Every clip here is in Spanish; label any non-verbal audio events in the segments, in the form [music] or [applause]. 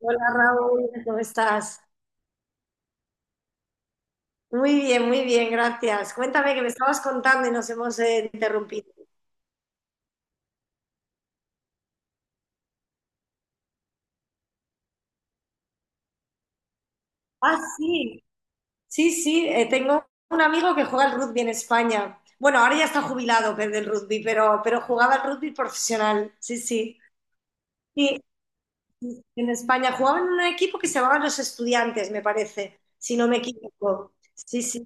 Hola Raúl, ¿cómo estás? Muy bien, gracias. Cuéntame que me estabas contando y nos hemos interrumpido. Ah, sí, sí, sí, tengo un amigo que juega al rugby en España. Bueno, ahora ya está jubilado pero del rugby, pero jugaba al rugby profesional, sí, sí. Sí, sí, en España jugaba en un equipo que se llamaba Los Estudiantes, me parece, si no me equivoco. Sí, sí.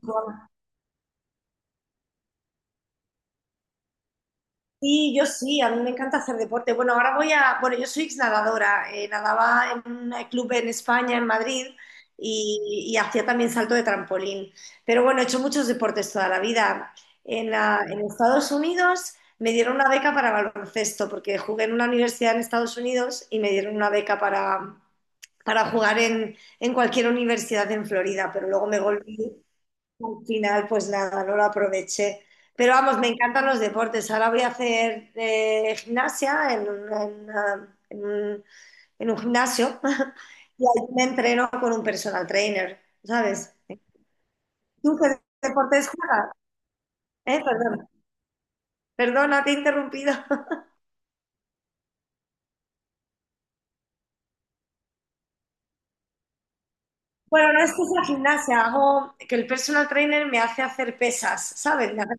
Sí, yo sí, a mí me encanta hacer deporte. Bueno, yo soy ex nadadora, nadaba en un club en España, en Madrid, y, hacía también salto de trampolín. Pero bueno, he hecho muchos deportes toda la vida. En Estados Unidos me dieron una beca para baloncesto, porque jugué en una universidad en Estados Unidos y me dieron una beca para jugar en cualquier universidad en Florida, pero luego me volví al final, pues nada, no lo aproveché. Pero vamos, me encantan los deportes. Ahora voy a hacer gimnasia en, un- en una- en un gimnasio [laughs] y ahí me entreno con un personal trainer, ¿sabes? ¿Tú qué deportes juegas? Perdón, perdona, te he interrumpido. [laughs] Bueno, no es que sea gimnasia, hago que el personal trainer me hace hacer pesas, ¿sabes? Me hace.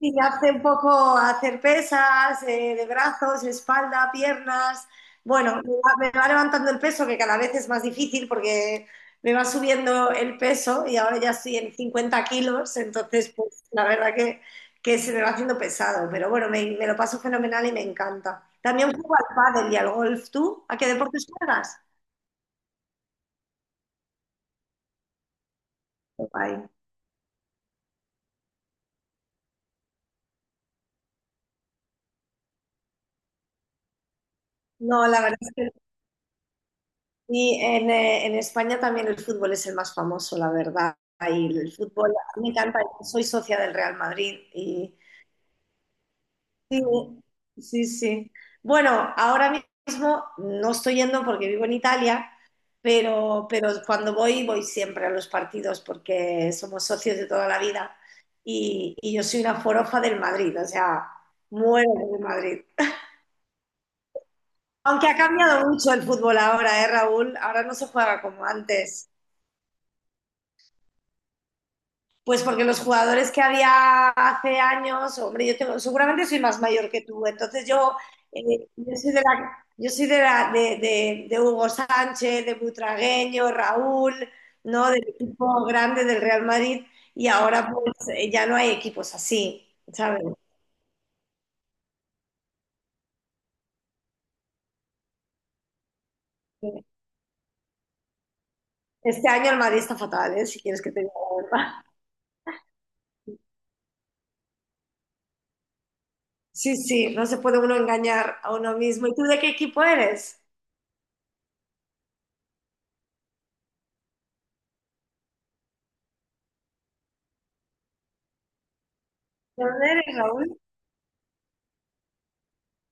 Y hace un poco hacer pesas de brazos, espalda, piernas. Bueno, me va levantando el peso, que cada vez es más difícil porque me va subiendo el peso y ahora ya estoy en 50 kilos, entonces pues la verdad que se me va haciendo pesado, pero bueno, me, lo paso fenomenal y me encanta. También juego al pádel y al golf. ¿Tú? ¿A qué deportes juegas? Guay. No, la verdad es que. Y en España también el fútbol es el más famoso, la verdad. Y el fútbol, a mí me encanta, yo soy socia del Real Madrid. Y sí, sí, sí. Bueno, ahora mismo no estoy yendo porque vivo en Italia, pero cuando voy, voy siempre a los partidos porque somos socios de toda la vida. Y, yo soy una forofa del Madrid, o sea, muero del Madrid. Aunque ha cambiado mucho el fútbol ahora, ¿eh, Raúl? Ahora no se juega como antes. Pues porque los jugadores que había hace años, hombre, yo tengo, seguramente soy más mayor que tú, entonces yo, yo soy de la, de Hugo Sánchez, de Butragueño, Raúl, ¿no? Del equipo grande del Real Madrid y ahora pues ya no hay equipos así, ¿sabes? Este año el Madrid está fatal, ¿eh? Si quieres que te diga la verdad. Sí, sí, no se puede uno engañar a uno mismo. ¿Y tú de qué equipo eres? ¿De dónde eres, Raúl?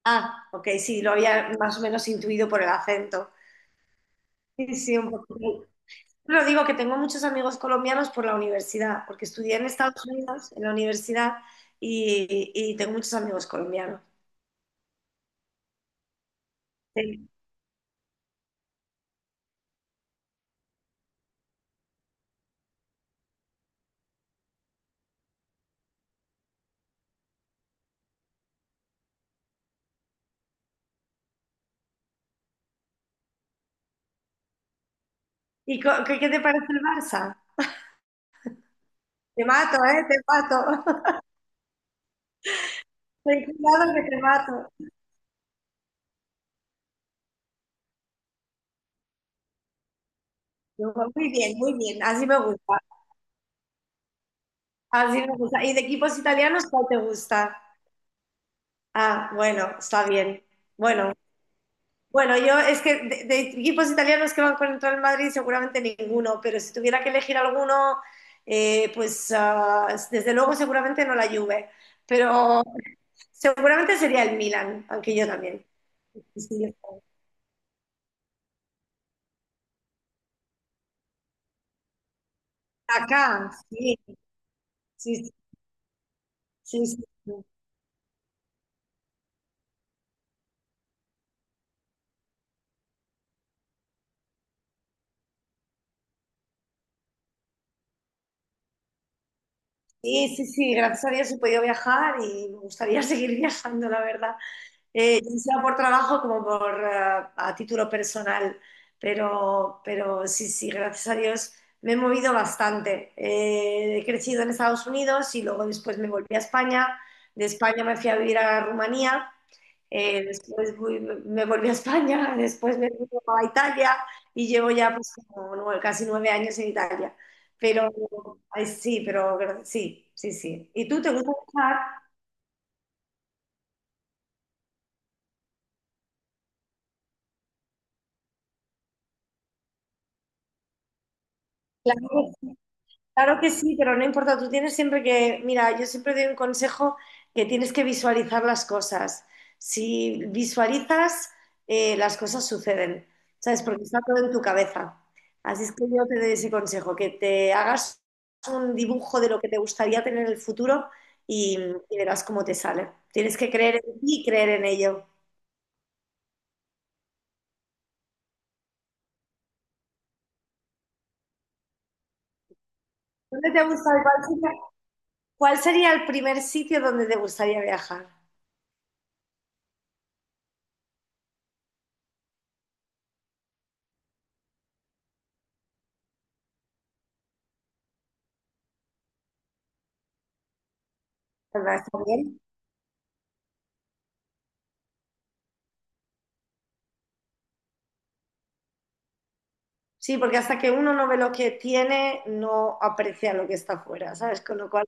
Ah, ok, sí, lo había más o menos intuido por el acento. Sí, sí, un poco. Pero digo que tengo muchos amigos colombianos por la universidad, porque estudié en Estados Unidos, en la universidad, y, tengo muchos amigos colombianos. Sí. ¿Qué, te parece el Barça? Te mato, ¿eh? Te mato. [laughs] Ten cuidado que te mato. Yo, muy bien, así me gusta, así me gusta. ¿Y de equipos italianos cuál te gusta? Ah, bueno, está bien. Bueno. Bueno, yo es que de equipos italianos que van contra el Madrid seguramente ninguno, pero si tuviera que elegir alguno, desde luego seguramente no la Juve, pero seguramente sería el Milan, aunque yo también. Sí, acá, sí, sí, sí, sí, sí, sí, sí, gracias a Dios he podido viajar y me gustaría [laughs] seguir viajando, la verdad. Ya sea por trabajo como por a título personal, pero sí, sí, gracias a Dios me he movido bastante. He crecido en Estados Unidos y luego después me volví a España. De España me fui a vivir a Rumanía, después me volví a España, [laughs] después me fui a Italia y llevo ya pues, casi 9 años en Italia. Pero ay, sí, sí, sí, sí. ¿Y tú te gusta viajar? Claro, claro que sí, pero no importa, tú tienes siempre que, mira, yo siempre doy un consejo que tienes que visualizar las cosas. Si visualizas, las cosas suceden, ¿sabes? Porque está todo en tu cabeza. Así es que yo te doy ese consejo, que te hagas un dibujo de lo que te gustaría tener en el futuro y, verás cómo te sale. Tienes que creer en ti y creer en ello. ¿Dónde te gusta? ¿Cuál sería el primer sitio donde te gustaría viajar? ¿Verdad? ¿Está bien? Sí, porque hasta que uno no ve lo que tiene, no aprecia lo que está afuera, ¿sabes? Con lo cual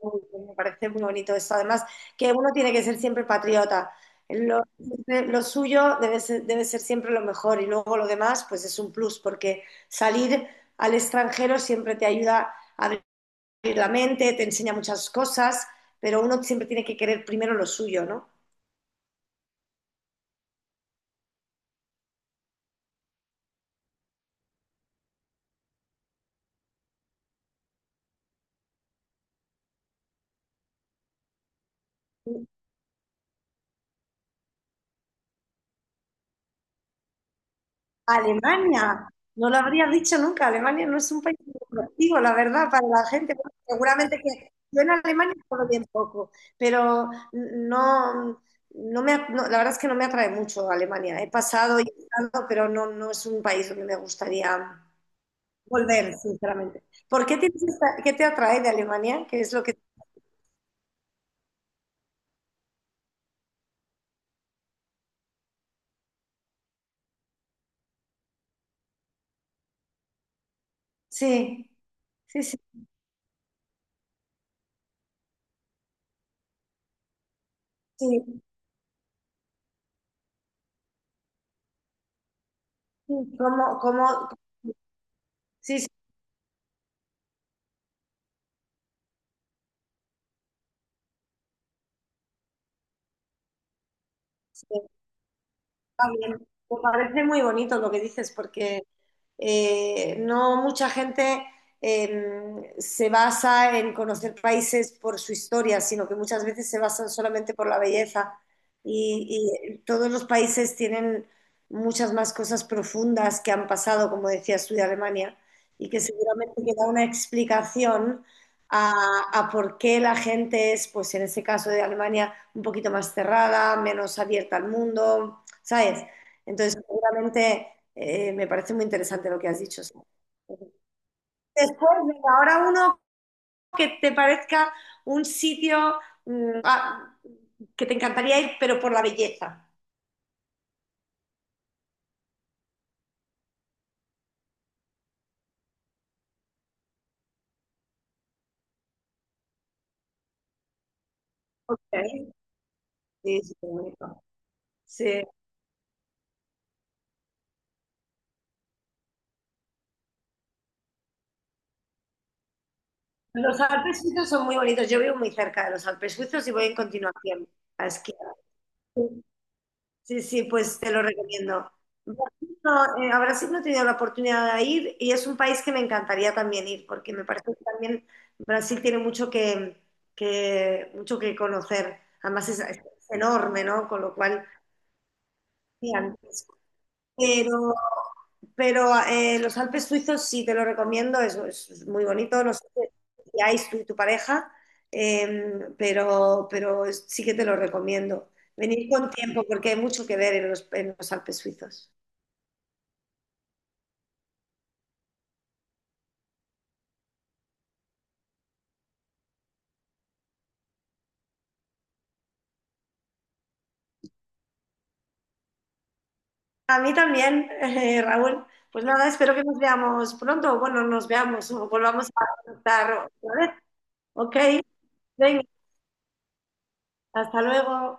me parece muy bonito eso. Además, que uno tiene que ser siempre patriota. Lo, suyo debe ser siempre lo mejor y luego lo demás, pues es un plus, porque salir al extranjero siempre te ayuda a abrir la mente, te enseña muchas cosas, pero uno siempre tiene que querer primero lo suyo, ¿no? Alemania, no lo habría dicho nunca. Alemania no es un país muy atractivo, la verdad, para la gente. Bueno, seguramente que yo en Alemania solo bien poco, pero no, la verdad es que no me atrae mucho Alemania. He pasado y he estado, pero no, no es un país donde me gustaría volver, sinceramente. ¿Por qué tienes esta- ¿Qué te atrae de Alemania? ¿Qué es lo que... Sí, sí, sí, sí. Sí. ¿Cómo, cómo... Sí, sí, sí. Está bien. Me parece muy bonito lo que dices, porque no mucha gente se basa en conocer países por su historia, sino que muchas veces se basan solamente por la belleza. Y, todos los países tienen muchas más cosas profundas que han pasado, como decías tú, de Alemania, y que seguramente que da una explicación a, por qué la gente es, pues en ese caso de Alemania, un poquito más cerrada, menos abierta al mundo, ¿sabes? Entonces, seguramente me parece muy interesante lo que has dicho. Sí. Después, venga, ahora uno que te parezca un sitio mm, ah, que te encantaría ir, pero por la belleza. Ok. Sí, sí, qué bonito. Sí. Los Alpes suizos son muy bonitos. Yo vivo muy cerca de los Alpes suizos y voy en continuación a esquiar. Sí, sí, pues te lo recomiendo. Brasil no, a Brasil no he tenido la oportunidad de ir y es un país que me encantaría también ir, porque me parece que también Brasil tiene mucho que, mucho que conocer. Además es enorme, ¿no? Con lo cual, gigantesco. Pero, pero los Alpes suizos sí te lo recomiendo, es muy bonito. No sé si hay tú y tu pareja, pero sí que te lo recomiendo. Venir con tiempo porque hay mucho que ver en los Alpes suizos. A mí también, [laughs] Raúl. Pues nada, espero que nos veamos pronto. O bueno, nos veamos o volvamos a estar otra vez. Ok, venga, hasta luego.